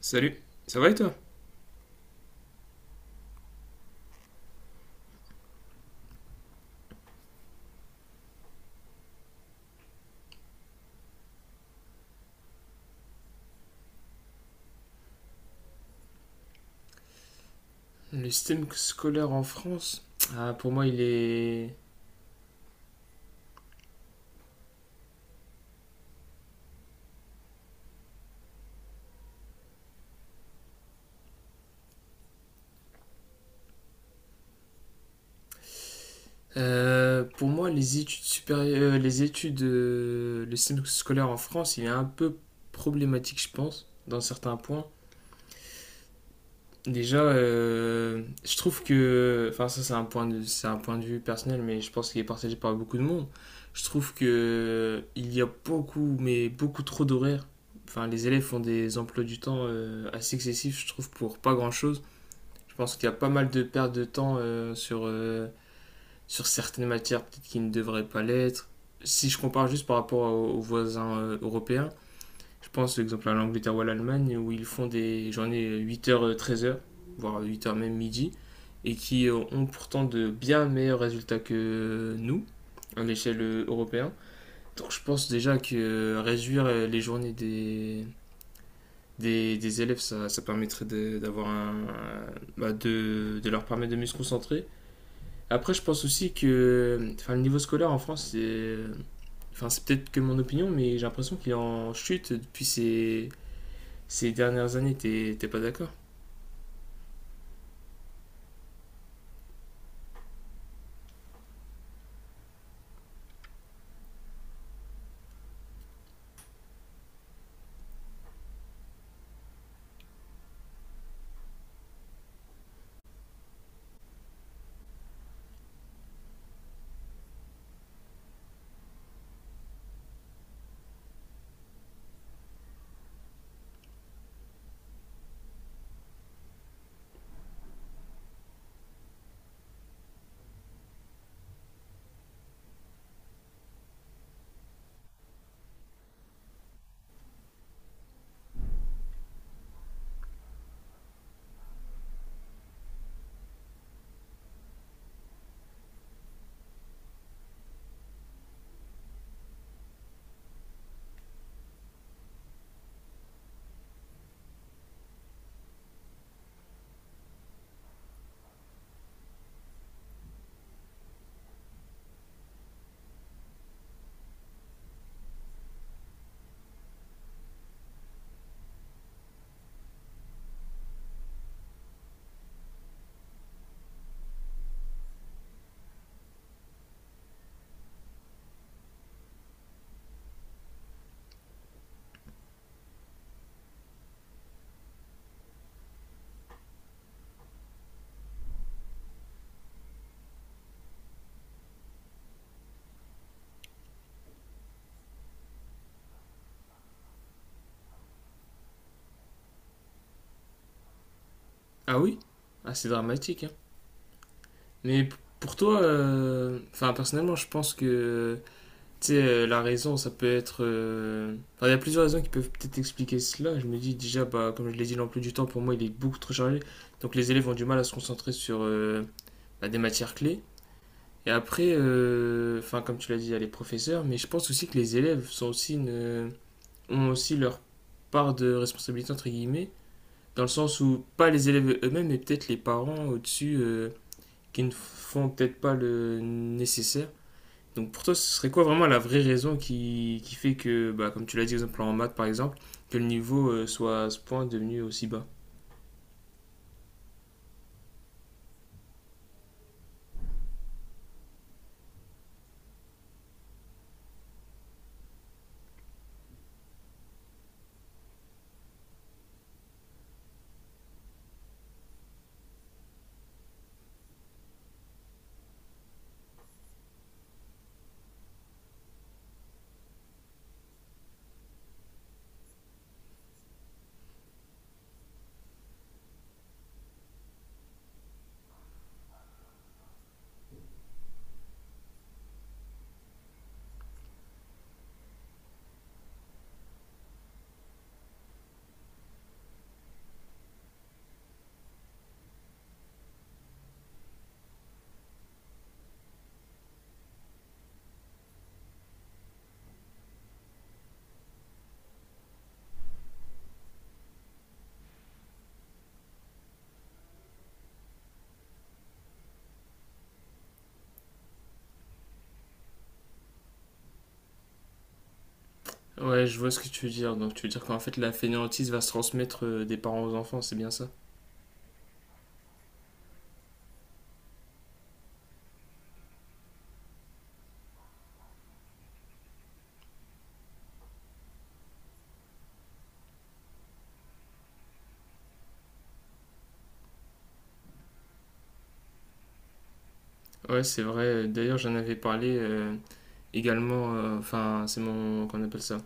Salut, ça va et toi? Le système scolaire en France, ah, pour moi, il est. Pour moi, les études supérieures, les études, le système scolaire en France, il est un peu problématique, je pense, dans certains points. Déjà, je trouve que, enfin, ça, c'est c'est un point de vue personnel, mais je pense qu'il est partagé par beaucoup de monde. Je trouve que il y a beaucoup, mais beaucoup trop d'horaires. Enfin, les élèves font des emplois du temps assez excessifs, je trouve, pour pas grand-chose. Je pense qu'il y a pas mal de pertes de temps sur certaines matières peut-être qui ne devraient pas l'être. Si je compare juste par rapport aux voisins européens, je pense par exemple à l'Angleterre ou à l'Allemagne où ils font des journées huit heures treize heures voire huit heures même midi, et qui ont pourtant de bien meilleurs résultats que nous à l'échelle européenne. Donc je pense déjà que réduire les journées des élèves, ça permettrait d'avoir un- bah, de leur permettre de mieux se concentrer après, je pense aussi que enfin, le niveau scolaire en France, c'est enfin, c'est peut-être que mon opinion, mais j'ai l'impression qu'il est en chute depuis ces dernières années. T'es pas d'accord? Ah oui? Ah, c'est dramatique, hein. Mais pour toi, enfin, personnellement, je pense que tu sais, la raison, ça peut être. Enfin, il y a plusieurs raisons qui peuvent peut-être expliquer cela. Je me dis déjà, bah, comme je l'ai dit, l'emploi du temps, pour moi, il est beaucoup trop chargé. Donc les élèves ont du mal à se concentrer sur bah, des matières clés. Et après, enfin, comme tu l'as dit, il y a les professeurs, mais je pense aussi que les élèves sont ont aussi leur part de responsabilité, entre guillemets, dans le sens où pas les élèves eux-mêmes, mais peut-être les parents au-dessus qui ne font peut-être pas le nécessaire. Donc pour toi, ce serait quoi vraiment la vraie raison qui fait que, bah, comme tu l'as dit, exemple en maths par exemple, que le niveau soit à ce point devenu aussi bas? Ouais, je vois ce que tu veux dire. Donc tu veux dire qu'en fait la fainéantise va se transmettre des parents aux enfants, c'est bien ça? Ouais, c'est vrai. D'ailleurs, j'en avais parlé également. Enfin, c'est mon. Qu'on appelle ça?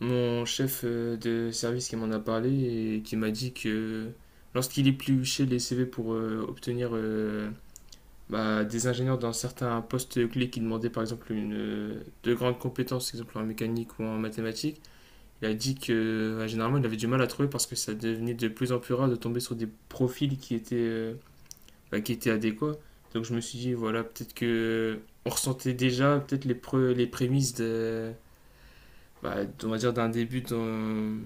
Mon chef de service qui m'en a parlé et qui m'a dit que lorsqu'il épluchait les CV pour obtenir bah, des ingénieurs dans certains postes clés qui demandaient par exemple une, de grandes compétences, exemple en mécanique ou en mathématiques, il a dit que bah, généralement il avait du mal à trouver parce que ça devenait de plus en plus rare de tomber sur des profils qui étaient. Bah, qui était adéquat. Donc je me suis dit, voilà, peut-être que on ressentait déjà peut-être les prémices de, bah, on va dire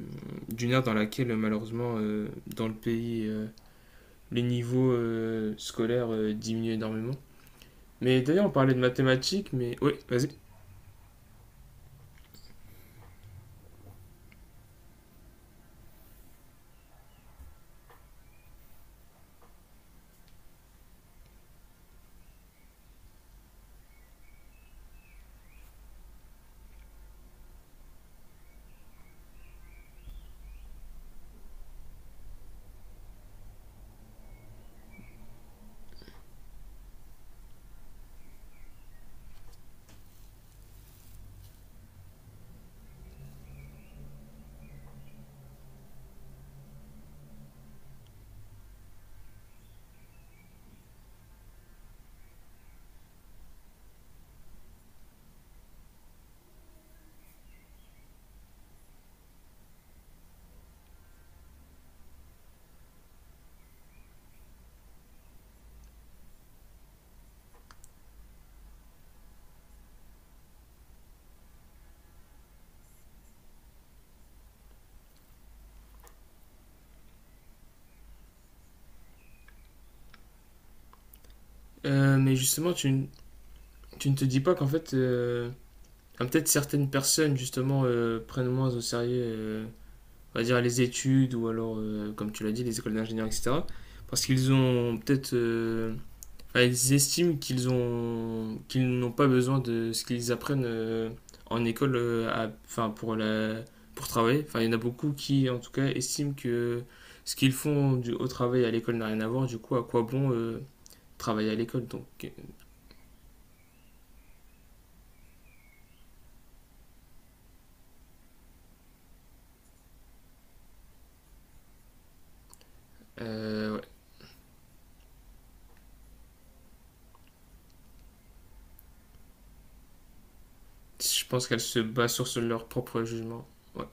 d'une ère dans laquelle malheureusement dans le pays les niveaux scolaires diminuent énormément. Mais d'ailleurs on parlait de mathématiques, mais oui, vas-y. Mais justement tu ne te dis pas qu'en fait ah, peut-être certaines personnes justement prennent moins au sérieux on va dire, les études ou alors, comme tu l'as dit, les écoles d'ingénieurs, etc. Parce qu'ils ont peut-être. Enfin, ils estiment qu'ils n'ont pas besoin de ce qu'ils apprennent en école enfin, pour, la, pour travailler. Enfin, il y en a beaucoup qui, en tout cas, estiment que ce qu'ils font au travail à l'école n'a rien à voir. Du coup, à quoi bon travailler à l'école. Donc, ouais. Je pense qu'elles se basent sur leur propre jugement. Ouais.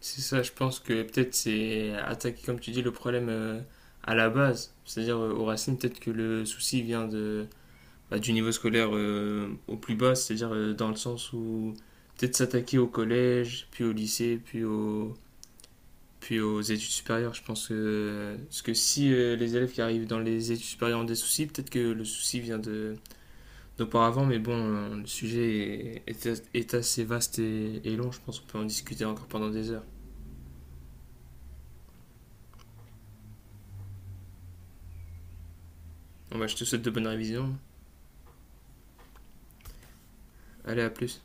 C'est ça, je pense que peut-être c'est attaquer, comme tu dis, le problème à la base. C'est-à-dire aux racines, peut-être que le souci vient de, bah, du niveau scolaire au plus bas, c'est-à-dire dans le sens où peut-être s'attaquer au collège, puis au lycée, puis aux études supérieures. Je pense que, parce que si les élèves qui arrivent dans les études supérieures ont des soucis, peut-être que le souci vient de, d'auparavant, mais bon, le sujet est assez vaste et long, je pense qu'on peut en discuter encore pendant des heures. Bon, bah, je te souhaite de bonnes révisions. Allez, à plus.